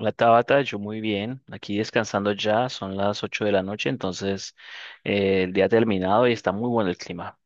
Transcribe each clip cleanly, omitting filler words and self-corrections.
La Tabata, yo muy bien, aquí descansando ya, son las 8 de la noche, entonces el día ha terminado y está muy bueno el clima.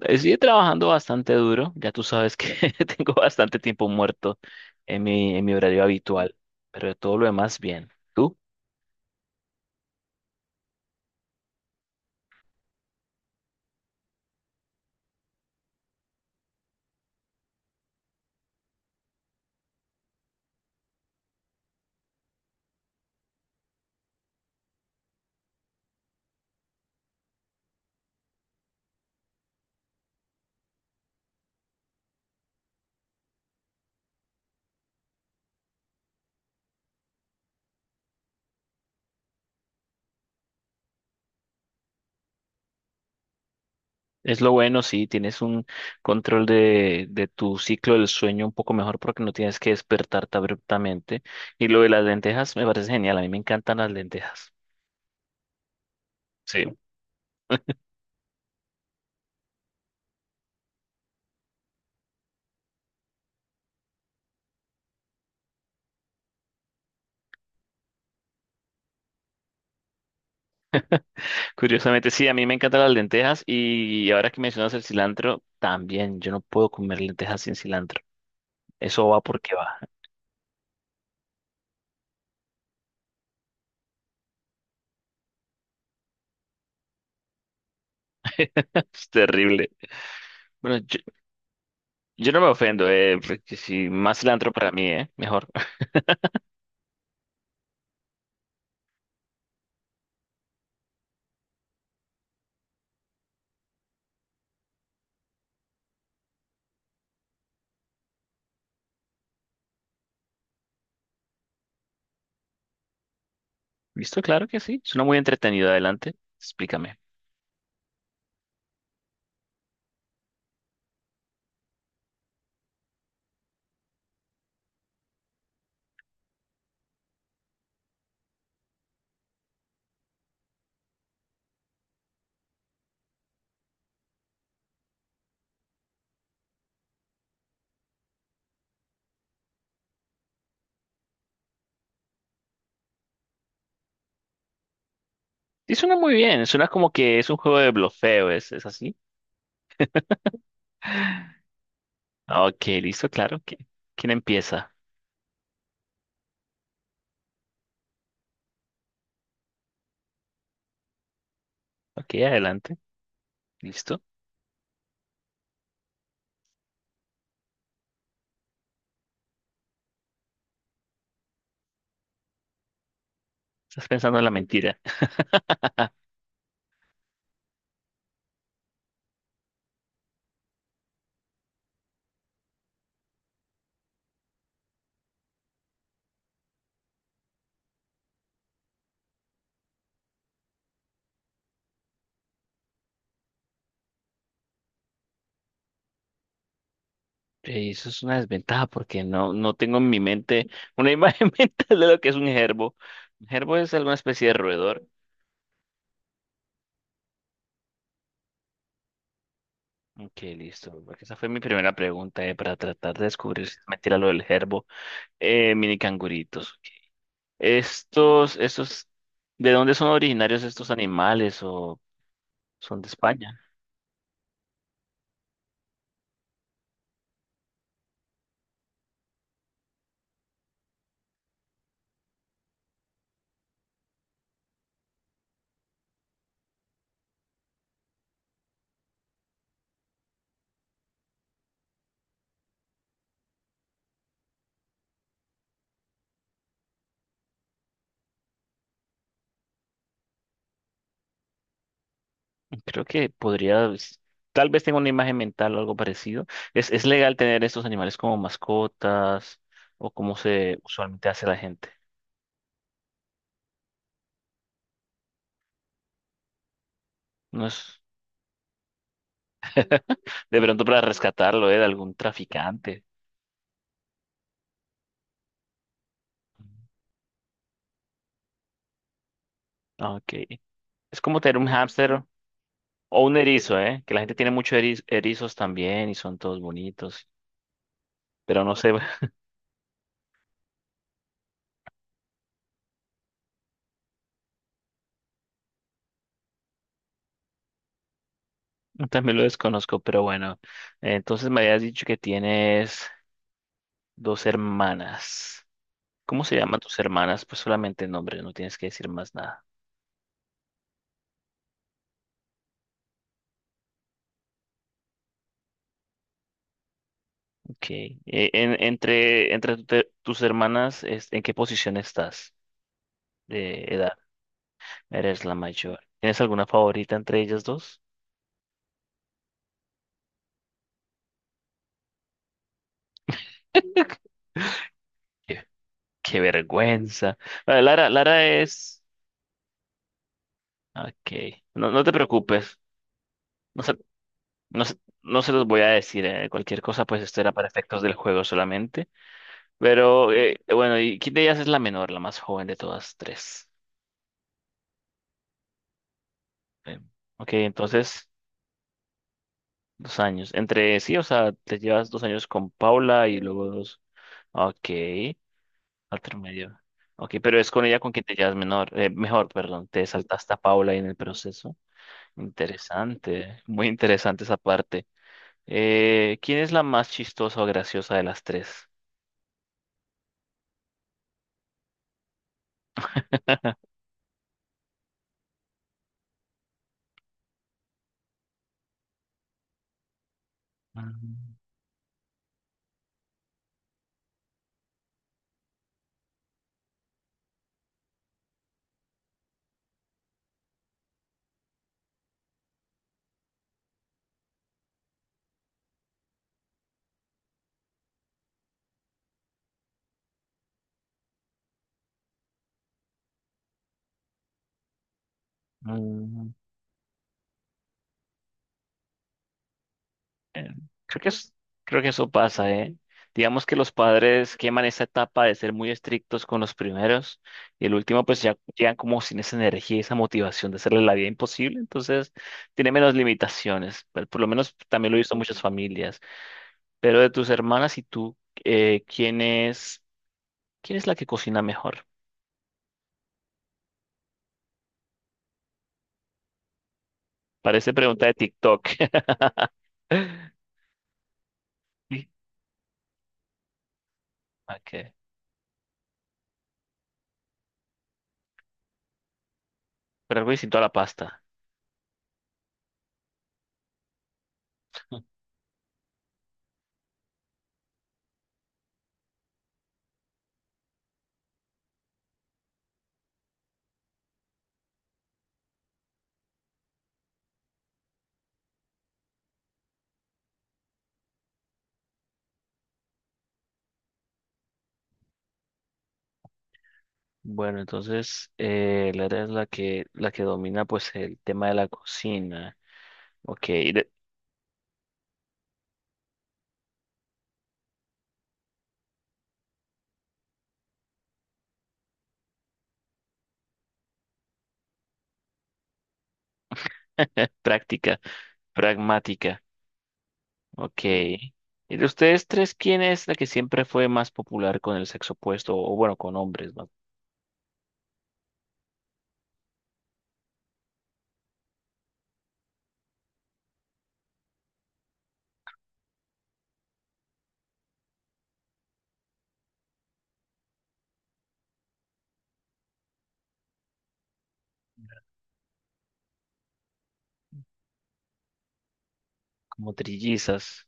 Sigue trabajando bastante duro, ya tú sabes que tengo bastante tiempo muerto en mi horario habitual, pero de todo lo demás bien. ¿Tú? Es lo bueno, sí, tienes un control de tu ciclo del sueño un poco mejor porque no tienes que despertarte abruptamente. Y lo de las lentejas me parece genial, a mí me encantan las lentejas. Sí. Curiosamente, sí, a mí me encantan las lentejas y ahora que mencionas el cilantro, también yo no puedo comer lentejas sin cilantro. Eso va porque va. Es terrible. Bueno, yo no me ofendo, porque si más cilantro para mí, mejor. Listo, claro que sí. Suena muy entretenido. Adelante, explícame. Sí, suena muy bien. Suena como que es un juego de blofeo, ¿es así? Ah, ok, listo, claro. que ¿Quién empieza? Ok, adelante. Listo. Estás pensando en la mentira. Eso es una desventaja porque no, no tengo en mi mente una imagen mental de lo que es un gerbo. Un gerbo es alguna especie de roedor. Ok, listo. Porque esa fue mi primera pregunta, para tratar de descubrir si es mentira lo del gerbo. Mini canguritos. Estos, estos, ¿de dónde son originarios estos animales o son de España? Creo que podría, tal vez tenga una imagen mental o algo parecido. ¿Es legal tener estos animales como mascotas o como se usualmente hace la gente? No es. De pronto para rescatarlo, ¿eh? De algún traficante. Ah, ok. Es como tener un hámster o un erizo, ¿eh? Que la gente tiene muchos erizos también y son todos bonitos. Pero no sé, también lo desconozco, pero bueno. Entonces me habías dicho que tienes dos hermanas. ¿Cómo se llaman tus hermanas? Pues solamente el nombre, no tienes que decir más nada. Ok. Entre tus hermanas, ¿en qué posición estás de edad? Eres la mayor. ¿Tienes alguna favorita entre ellas dos? Qué vergüenza. Vale, Lara es. Ok. No, no te preocupes. No se, no se, no se los voy a decir. Cualquier cosa, pues esto era para efectos del juego solamente. Pero bueno, ¿y quién de ellas es la menor, la más joven de todas tres? Eh, Ok, entonces, 2 años. Entre sí, o sea, te llevas 2 años con Paula y luego dos. Ok, otro medio. Ok, pero es con ella con quien te llevas menor, mejor, perdón, te saltaste a Paula en el proceso. Interesante, muy interesante esa parte. ¿Quién es la más chistosa o graciosa de las tres? Mm, mm, eh, creo que es- Creo que eso pasa, ¿eh? Digamos que los padres queman esa etapa de ser muy estrictos con los primeros y el último pues ya llegan como sin esa energía y esa motivación de hacerle la vida imposible, entonces tiene menos limitaciones, pero por lo menos también lo he visto en muchas familias. Pero de tus hermanas y tú, eh, ¿quién es, quién es la que cocina mejor? Parece pregunta de TikTok. Sí, ok. Pero algo distinto a la pasta. Bueno, entonces Lara es la que domina pues el tema de la cocina. Ok, de- práctica, pragmática. Ok. ¿Y de ustedes tres, quién es la que siempre fue más popular con el sexo opuesto? O bueno, con hombres, ¿no? Como trillizas.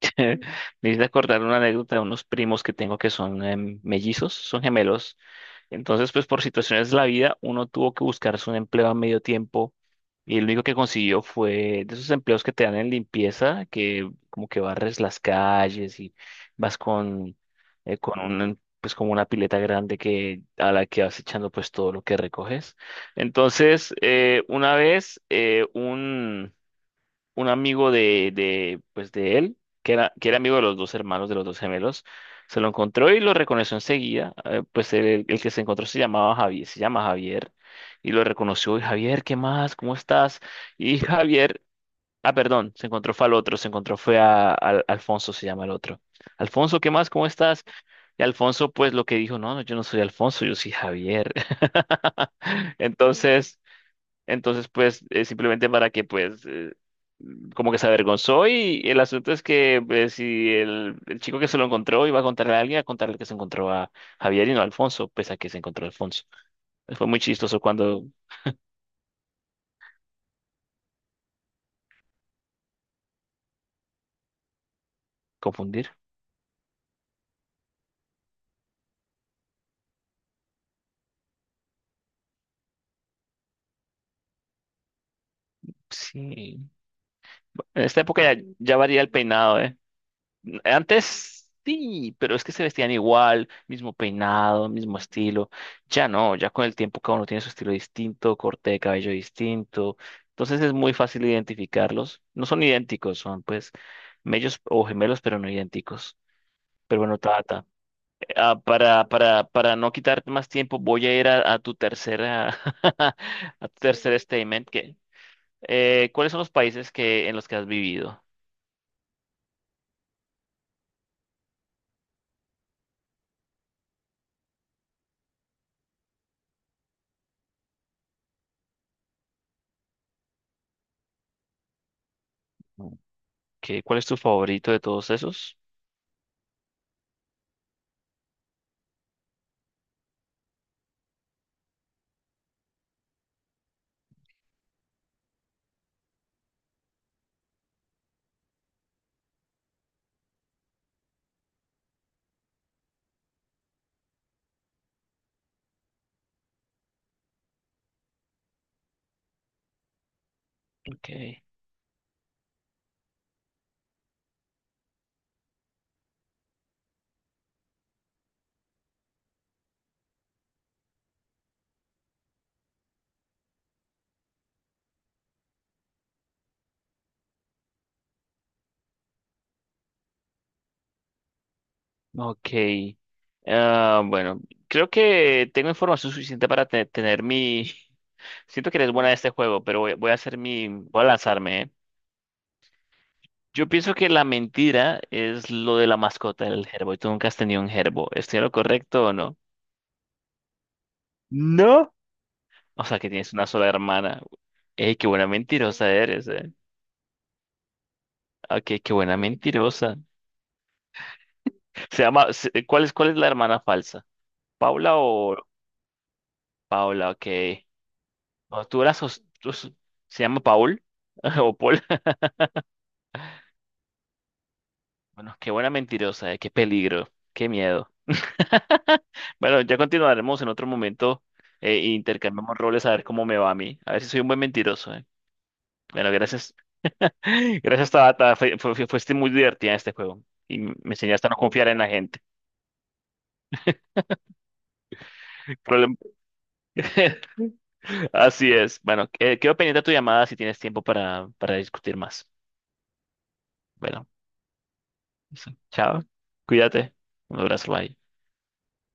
Me hice acordar una anécdota de unos primos que tengo que son mellizos, son gemelos. Entonces, pues por situaciones de la vida, uno tuvo que buscarse un empleo a medio tiempo y lo único que consiguió fue de esos empleos que te dan en limpieza, que como que barres las calles y vas con un, pues como una pileta grande a la que vas echando pues todo lo que recoges. Entonces, una vez un amigo pues de él, que era amigo de los dos hermanos, de los dos gemelos, se lo encontró y lo reconoció enseguida. Pues el que se encontró se llamaba Javier, se llama Javier, y lo reconoció. Y Javier, ¿qué más? ¿Cómo estás? Y Javier, ah, perdón, se encontró fue al otro, se encontró fue a, Alfonso, se llama el otro. Alfonso, ¿qué más? ¿Cómo estás? Y Alfonso, pues lo que dijo, no, no, yo no soy Alfonso, yo soy Javier. Entonces, entonces, pues, simplemente para que, pues, como que se avergonzó y el asunto es que si el chico que se lo encontró iba a contarle a alguien, a contarle que se encontró a Javier y no a Alfonso, pese a que se encontró a Alfonso. Fue muy chistoso cuando confundir. Sí. En esta época ya, ya varía el peinado, ¿eh? Antes sí, pero es que se vestían igual, mismo peinado, mismo estilo. Ya no, ya con el tiempo cada uno tiene su estilo distinto, corte de cabello distinto. Entonces es muy fácil identificarlos. No son idénticos, son pues mellos o gemelos, pero no idénticos. Pero bueno, Tata, para no quitar más tiempo, voy a ir a tu tercera, a tu tercer statement. ¿Cuáles son los países que, en los que has vivido? ¿Cuál es tu favorito de todos esos? Ok. Ok. Ah, bueno, creo que tengo información suficiente para tener mi. Siento que eres buena de este juego, pero voy a hacer mi. Voy a lanzarme, ¿eh? Yo pienso que la mentira es lo de la mascota del gerbo y tú nunca has tenido un gerbo. ¿Estoy en lo correcto o no? No. O sea, que tienes una sola hermana. ¡Ey, qué buena mentirosa eres, eh! Ok, qué buena mentirosa. ¿Cuál es, cuál es, la hermana falsa? ¿Paula o...? Paula, ok. O tú la sos- tú s- se llama Paul o Paul. Bueno, qué buena mentirosa, qué peligro, qué miedo. Bueno, ya continuaremos en otro momento e intercambiamos roles a ver cómo me va a mí. A ver si soy un buen mentiroso. Bueno, gracias. Gracias, Tabata. Fuiste muy divertida en este juego y me enseñaste a no confiar en la gente. Problem- Así es. Bueno, quedo pendiente de tu llamada si tienes tiempo para discutir más. Bueno, eso. Chao. Cuídate. Un abrazo. Bye.